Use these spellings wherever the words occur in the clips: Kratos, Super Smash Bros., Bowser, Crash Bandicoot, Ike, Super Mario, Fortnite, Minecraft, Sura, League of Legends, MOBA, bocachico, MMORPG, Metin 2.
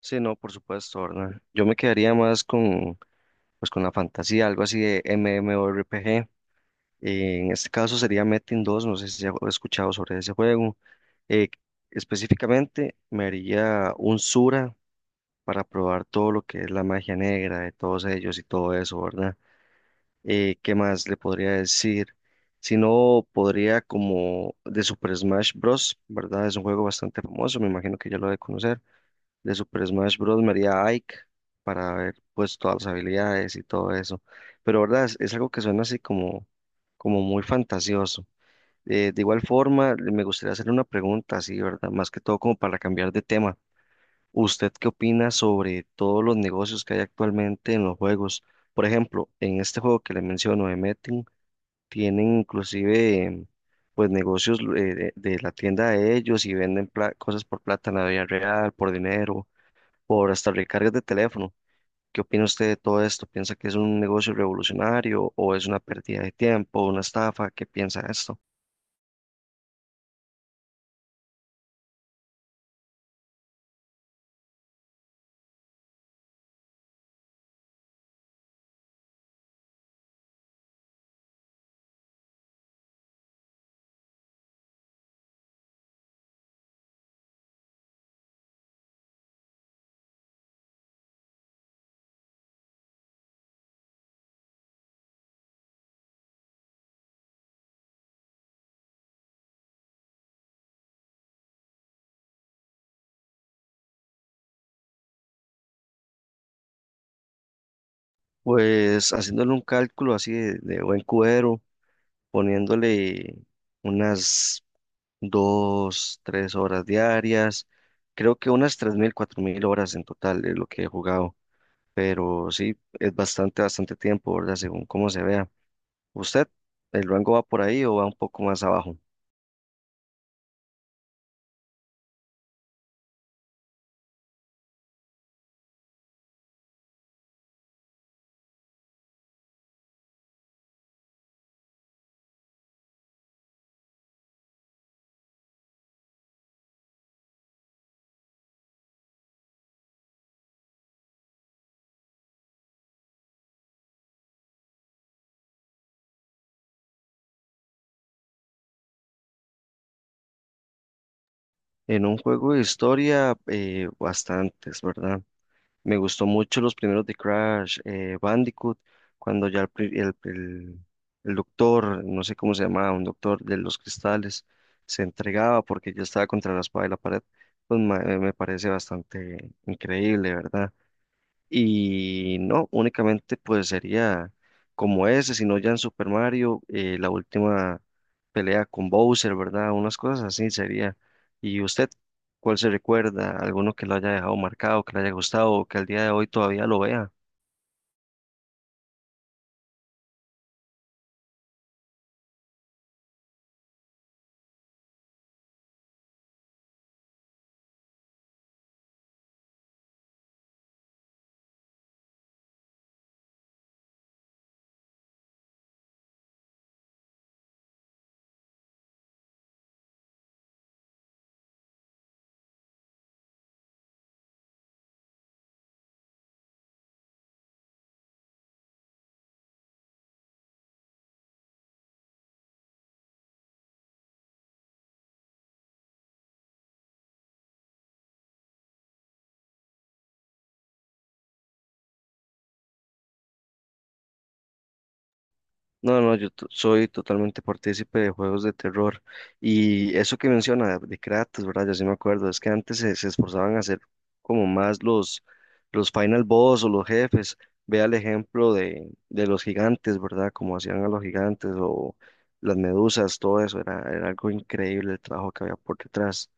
Sí, no, por supuesto, ¿verdad? Yo me quedaría más con, pues, con la fantasía, algo así de MMORPG. En este caso sería Metin 2, no sé si ya he escuchado sobre ese juego. Eh, Específicamente me haría un Sura para probar todo lo que es la magia negra de todos ellos y todo eso, ¿verdad? ¿Qué más le podría decir? Si no, podría como de Super Smash Bros., ¿verdad? Es un juego bastante famoso, me imagino que ya lo ha de conocer. De Super Smash Bros. Me haría Ike para ver pues todas las habilidades y todo eso. Pero verdad es algo que suena así como, como muy fantasioso. De igual forma, me gustaría hacerle una pregunta así, ¿verdad? Más que todo como para cambiar de tema. ¿Usted qué opina sobre todos los negocios que hay actualmente en los juegos? Por ejemplo, en este juego que le menciono de Metin, tienen inclusive pues negocios de, la tienda de ellos y venden cosas por plata en la vida real, por dinero, por hasta recargas de teléfono. ¿Qué opina usted de todo esto? ¿Piensa que es un negocio revolucionario o es una pérdida de tiempo, una estafa? ¿Qué piensa de esto? Pues haciéndole un cálculo así de buen cubero, poniéndole unas dos, tres horas diarias, creo que unas tres mil, cuatro mil horas en total es lo que he jugado, pero sí, es bastante, bastante tiempo, ¿verdad? Según cómo se vea. ¿Usted, el rango va por ahí o va un poco más abajo? En un juego de historia, bastantes, ¿verdad? Me gustó mucho los primeros de Crash, Bandicoot, cuando ya el, pri- el doctor, no sé cómo se llamaba, un doctor de los cristales, se entregaba porque yo estaba contra la espada y la pared, pues me parece bastante increíble, ¿verdad? Y no, únicamente pues sería como ese, sino ya en Super Mario, la última pelea con Bowser, ¿verdad? Unas cosas así sería. ¿Y usted cuál se recuerda? ¿Alguno que lo haya dejado marcado, que le haya gustado, o que al día de hoy todavía lo vea? No, no, yo soy totalmente partícipe de juegos de terror. Y eso que menciona de Kratos, ¿verdad? Yo sí me acuerdo, es que antes se, se esforzaban a hacer como más los final boss o los jefes. Vea el ejemplo de los gigantes, ¿verdad? Como hacían a los gigantes o las medusas, todo eso. Era, era algo increíble el trabajo que había por detrás.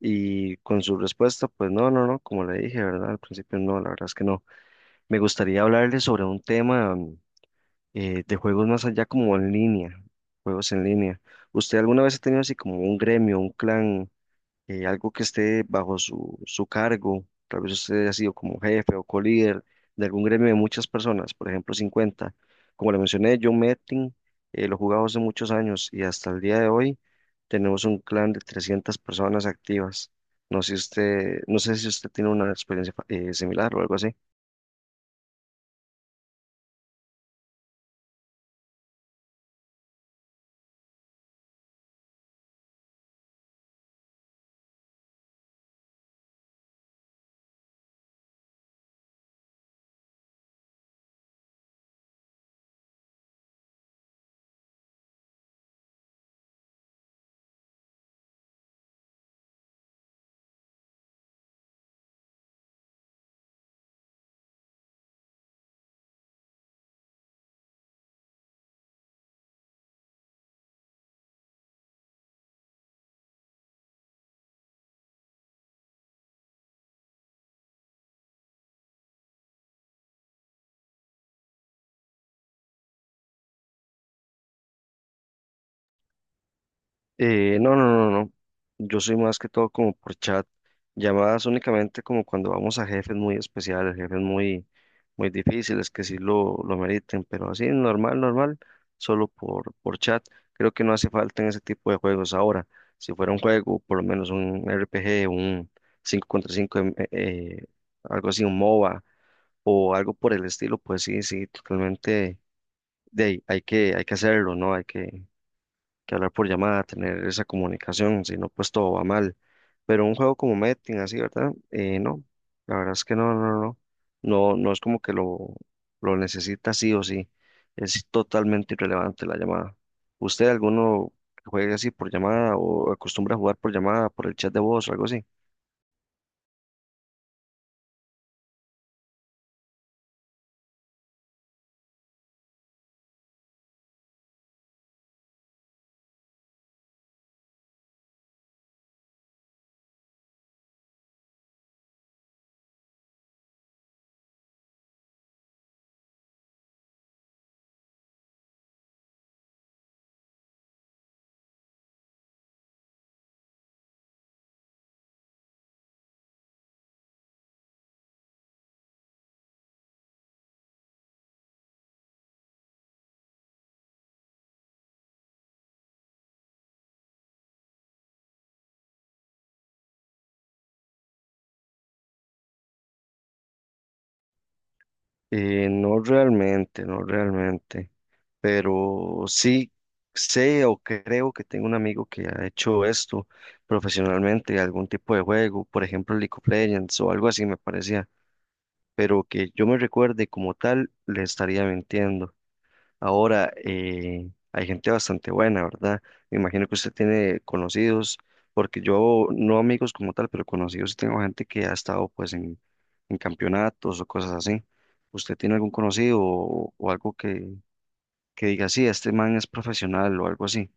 Y con su respuesta, pues no, no, no, como le dije, ¿verdad? Al principio no, la verdad es que no. Me gustaría hablarle sobre un tema. De juegos más allá como en línea, juegos en línea. ¿Usted alguna vez ha tenido así como un gremio, un clan, algo que esté bajo su, su cargo? Tal vez usted ha sido como jefe o co-líder de algún gremio de muchas personas, por ejemplo cincuenta. Como le mencioné, yo Metin lo jugaba hace muchos años y hasta el día de hoy tenemos un clan de 300 personas activas. No sé si usted tiene una experiencia similar o algo así. No, no, no, no. Yo soy más que todo como por chat, llamadas únicamente como cuando vamos a jefes muy especiales, jefes muy, muy difíciles que sí lo meriten, pero así normal, normal, solo por chat. Creo que no hace falta en ese tipo de juegos ahora. Si fuera un juego, por lo menos un RPG, un 5 contra 5, algo así, un MOBA o algo por el estilo, pues sí, sí, totalmente, de, ahí, hay que hacerlo, ¿no? Hay que hablar por llamada, tener esa comunicación, si no, pues todo va mal. Pero un juego como Metin, así, ¿verdad? No, la verdad es que no, no, no, no, no es como que lo necesita sí o sí, es totalmente irrelevante la llamada. ¿Usted alguno juega así por llamada o acostumbra a jugar por llamada, por el chat de voz o algo así? No realmente, no realmente. Pero sí sé o creo que tengo un amigo que ha hecho esto profesionalmente, algún tipo de juego, por ejemplo League of Legends o algo así me parecía, pero que yo me recuerde como tal, le estaría mintiendo. Ahora, hay gente bastante buena, ¿verdad? Me imagino que usted tiene conocidos, porque yo, no amigos como tal, pero conocidos, sí tengo gente que ha estado pues en campeonatos o cosas así. ¿Usted tiene algún conocido o algo que diga, sí, este man es profesional o algo así?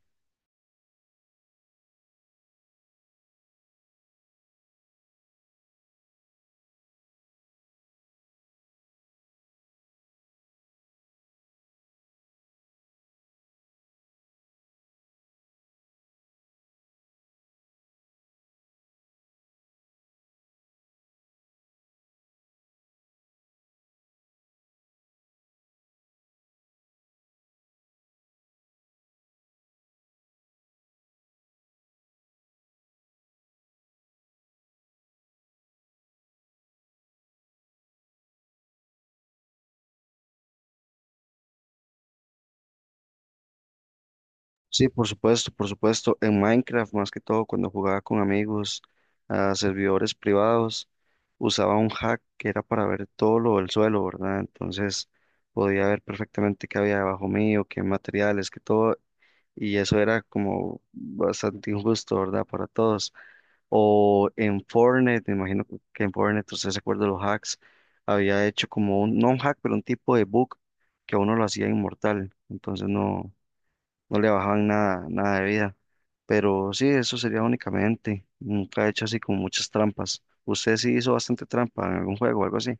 Sí, por supuesto, por supuesto. En Minecraft, más que todo, cuando jugaba con amigos a servidores privados, usaba un hack que era para ver todo lo del suelo, ¿verdad? Entonces podía ver perfectamente qué había debajo mío, qué materiales, qué todo, y eso era como bastante injusto, ¿verdad? Para todos. O en Fortnite, me imagino usted se acuerda de los hacks, había hecho como un, no un hack, pero un tipo de bug que a uno lo hacía inmortal, entonces no, no le bajaban nada, nada de vida. Pero sí, eso sería únicamente, nunca he hecho así como muchas trampas. ¿Usted sí hizo bastante trampa en algún juego o algo así?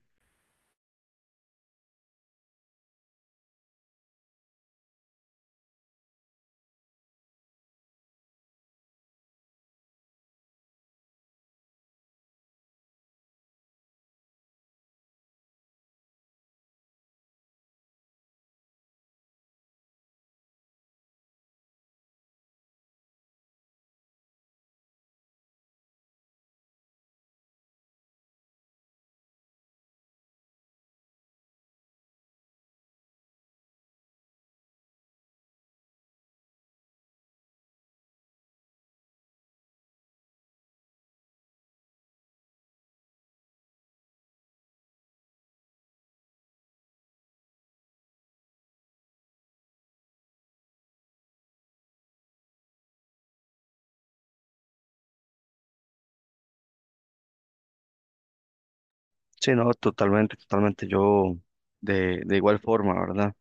Sí, no, totalmente, totalmente, yo de igual forma, ¿verdad?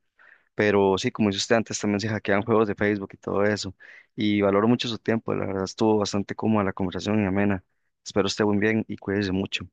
Pero sí, como dice usted antes, también se hackean juegos de Facebook y todo eso. Y valoro mucho su tiempo, la verdad estuvo bastante cómoda la conversación y amena. Espero esté muy bien y cuídese mucho.